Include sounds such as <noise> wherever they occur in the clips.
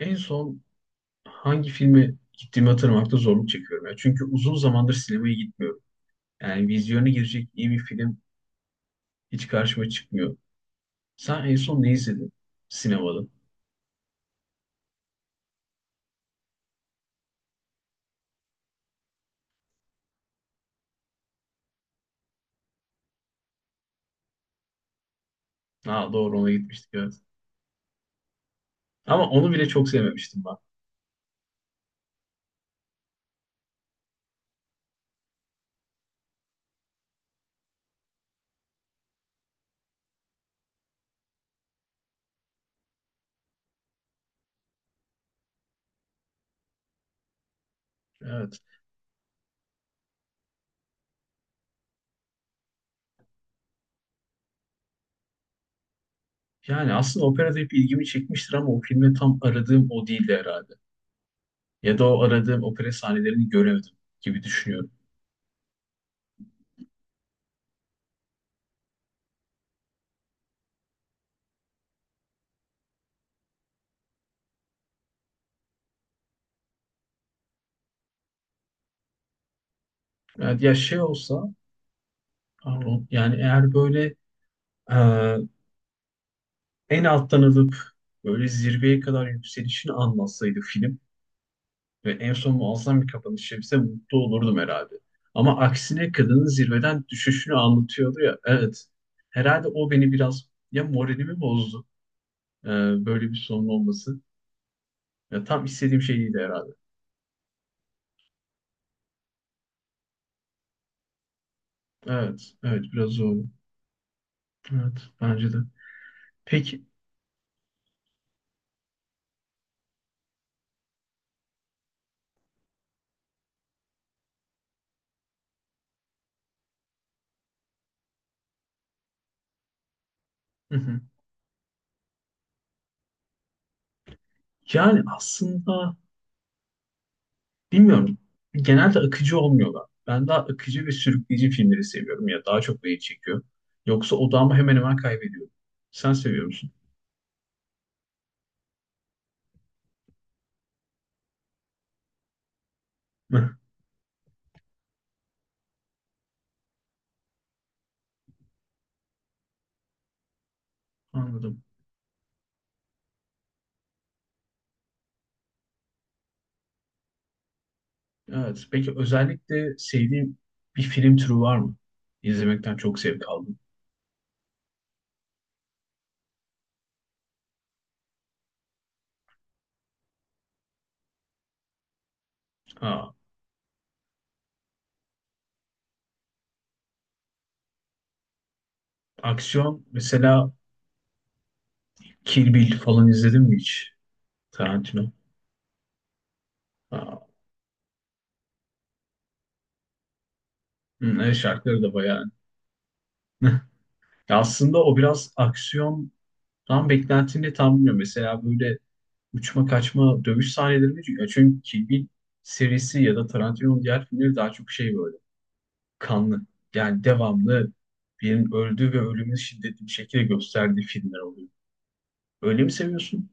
En son hangi filme gittiğimi hatırlamakta zorluk çekiyorum. Çünkü uzun zamandır sinemaya gitmiyorum. Yani vizyona girecek iyi bir film hiç karşıma çıkmıyor. Sen en son ne izledin sinemada? Ha, doğru, ona gitmiştik, evet. Ama onu bile çok sevmemiştim ben. Evet. Yani aslında operada hep ilgimi çekmiştir ama o filme tam aradığım o değildi herhalde. Ya da o aradığım opera sahnelerini göremedim gibi düşünüyorum. Yani ya şey olsa yani eğer böyle e, en alttan alıp böyle zirveye kadar yükselişini anlatsaydı film ve en son muazzam bir kapanış yapsa mutlu olurdum herhalde. Ama aksine kadının zirveden düşüşünü anlatıyordu ya. Evet. Herhalde o beni biraz ya moralimi bozdu. e, böyle bir sonun olması. Ya tam istediğim şey değildi herhalde. Evet. Evet. Biraz zor. Evet. Bence de. Peki. Hı hı. Yani aslında bilmiyorum. Genelde akıcı olmuyorlar. Ben daha akıcı ve sürükleyici filmleri seviyorum ya. Daha çok beni çekiyor. Yoksa odağımı hemen hemen kaybediyorum. Sen seviyor musun? <laughs> Anladım. Evet. Peki özellikle sevdiğin bir film türü var mı? İzlemekten çok zevk aldım. Ha, aksiyon mesela. Kill Bill falan izledin mi hiç? Tarantino. Ha, hı, evet, şarkıları da bayağı. <laughs> Ya aslında o biraz aksiyondan beklentini tam bilmiyorum. Mesela böyle uçma kaçma dövüş sahneleri mi? Çünkü Kill Bill serisi ya da Tarantino'nun diğer filmleri daha çok şey, böyle kanlı. Yani devamlı birinin öldüğü ve ölümünü şiddetli bir şekilde gösterdiği filmler oluyor. Öyle mi seviyorsun?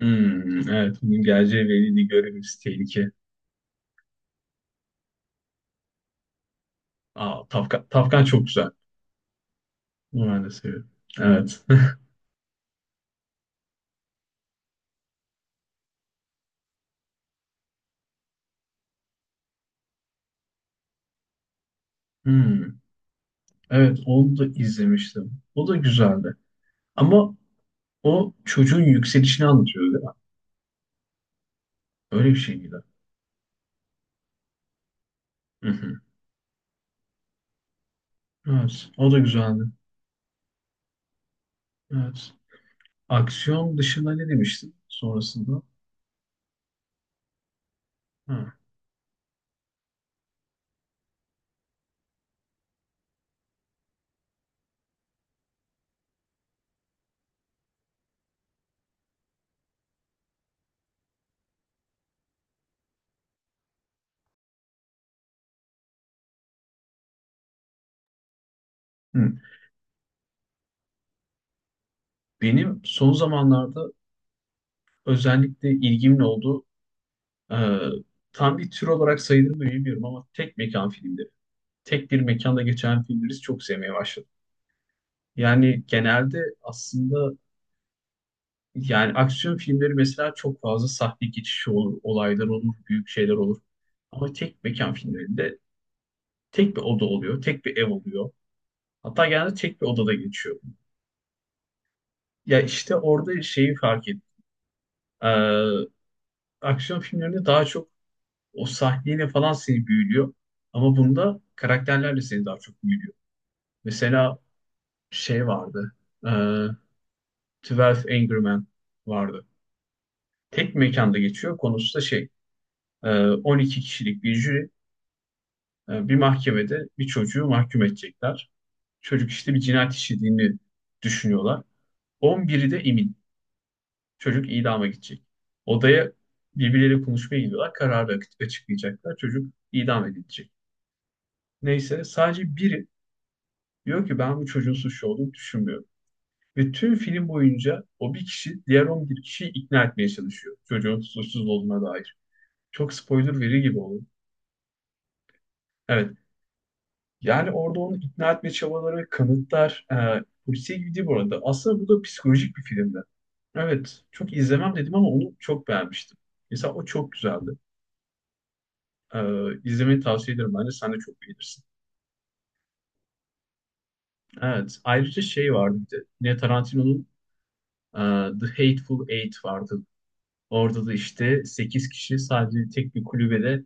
Hmm, evet. Bunun geleceği belli, görevimiz tehlike. Aa, Tafkan, Tafkan çok güzel. Bunu ben de seviyorum. Evet. <laughs> Hmm, evet, onu da izlemiştim. O da güzeldi. Ama o çocuğun yükselişini anlatıyor değil mi? Öyle bir şey miydi? Hı hı. Evet. O da güzeldi. Evet. Aksiyon dışında ne demiştin sonrasında? Ha. Hı. Benim son zamanlarda özellikle ilgimin olduğu, e, tam bir tür olarak sayılır mı bilmiyorum ama, tek mekan filmleri. Tek bir mekanda geçen filmleri çok sevmeye başladım. Yani genelde aslında, yani aksiyon filmleri mesela, çok fazla sahne geçişi olur, olaylar olur, büyük şeyler olur. Ama tek mekan filmlerinde tek bir oda oluyor, tek bir ev oluyor. Hatta genelde tek bir odada geçiyor. Ya işte orada şeyi fark ettim. Ee, aksiyon filmlerinde daha çok o sahneyle falan seni büyülüyor. Ama bunda karakterlerle seni daha çok büyülüyor. Mesela şey vardı. E, 12 Angry Men vardı. Tek mekanda geçiyor. Konusu da şey, e, 12 kişilik bir jüri, bir mahkemede bir çocuğu mahkum edecekler. Çocuk işte bir cinayet işlediğini düşünüyorlar. 11'i de emin. Çocuk idama gidecek. Odaya birbirleriyle konuşmaya gidiyorlar. Kararı açıklayacaklar. Çocuk idam edilecek. Neyse, sadece biri diyor ki ben bu çocuğun suçlu olduğunu düşünmüyorum. Ve tüm film boyunca o bir kişi diğer 11 kişiyi ikna etmeye çalışıyor, çocuğun suçsuz olduğuna dair. Çok spoiler veri gibi oldu. Evet, yani orada onu ikna etme çabaları, kanıtlar, polisiye gibi değil bu arada. Aslında bu da psikolojik bir filmdi. Evet, çok izlemem dedim ama onu çok beğenmiştim. Mesela o çok güzeldi. E, izlemeni tavsiye ederim. Bence sen de çok beğenirsin. Evet, ayrıca şey vardı bir de. Yine Tarantino'nun e, The Hateful Eight vardı. Orada da işte 8 kişi sadece tek bir kulübede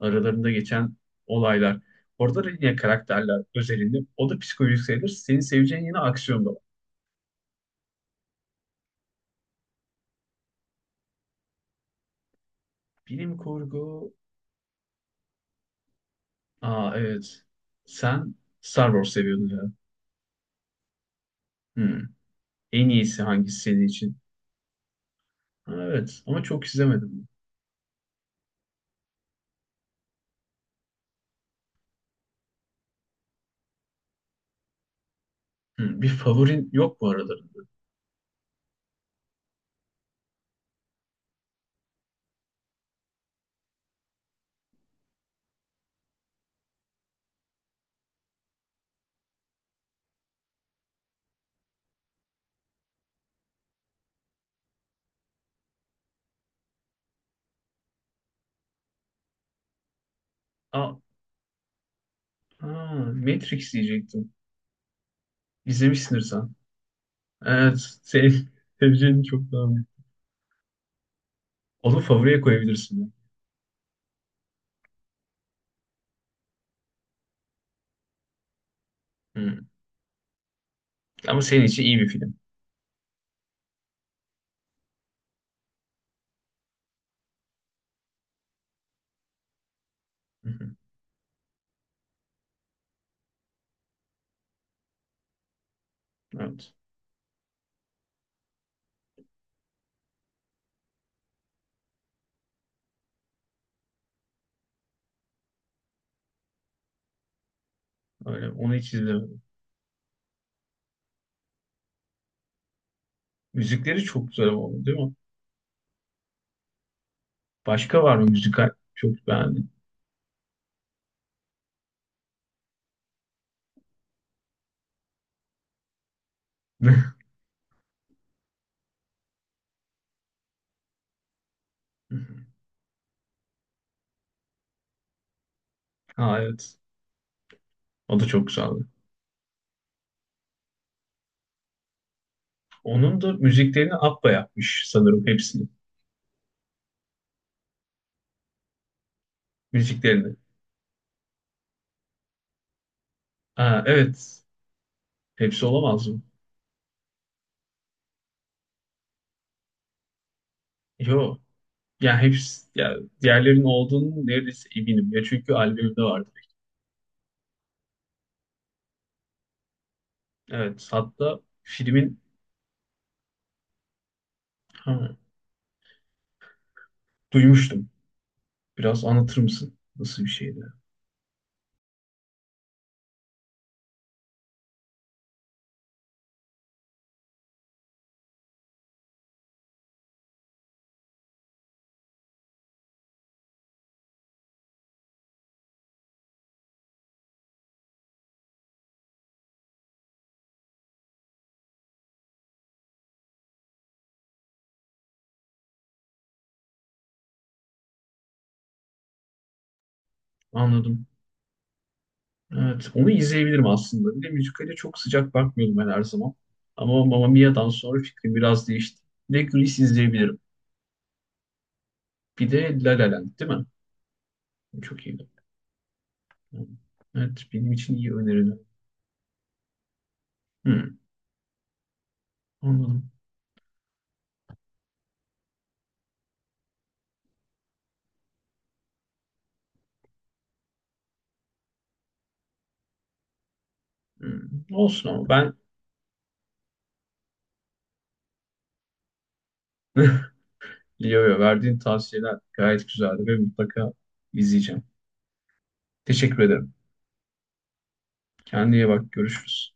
aralarında geçen olaylar. Orada da yine karakterler özelinde. O da psikolojik sayılır. Senin seveceğin yine aksiyon da var. Bilim kurgu. Aa, evet. Sen Star Wars seviyordun ya. Hmm. En iyisi hangisi senin için? Ha, evet, ama çok izlemedim. Hmm. Bir favorin yok bu aralarında. Aa, aa, Matrix diyecektim. İzlemişsindir sen. Evet. Senin <laughs> seveceğini çok daha iyi. Onu favoriye koyabilirsin. Hmm. Ama senin için iyi bir film. Hı hı. Evet. Öyle. Onu hiç izlemedim. Müzikleri çok güzel oldu değil mi? Başka var mı müzikal? Çok beğendim. <laughs> Hı hı. Ha, evet. O da çok güzeldi. Onun da müziklerini Abba yapmış sanırım, hepsini. Müziklerini. Aa, evet. Hepsi olamaz mı? Yo. Ya hepsi, ya diğerlerinin olduğunu neredeyse eminim. Ya çünkü albümde vardı. Evet. Hatta filmin, ha, duymuştum. Biraz anlatır mısın? Nasıl bir şeydi? Anladım. Evet. Onu izleyebilirim aslında. Bir de müzikale çok sıcak bakmıyordum ben her zaman. Ama Mamma Mia'dan sonra fikrim biraz değişti. Bir de Grease izleyebilirim. Bir de La La Land değil mi? Çok iyi. Evet, benim için iyi öneride. Hmm, anladım. Hmm, olsun ama ben <laughs> yo yo, verdiğin tavsiyeler gayet güzeldi ve mutlaka izleyeceğim. Teşekkür ederim. Kendine iyi bak. Görüşürüz.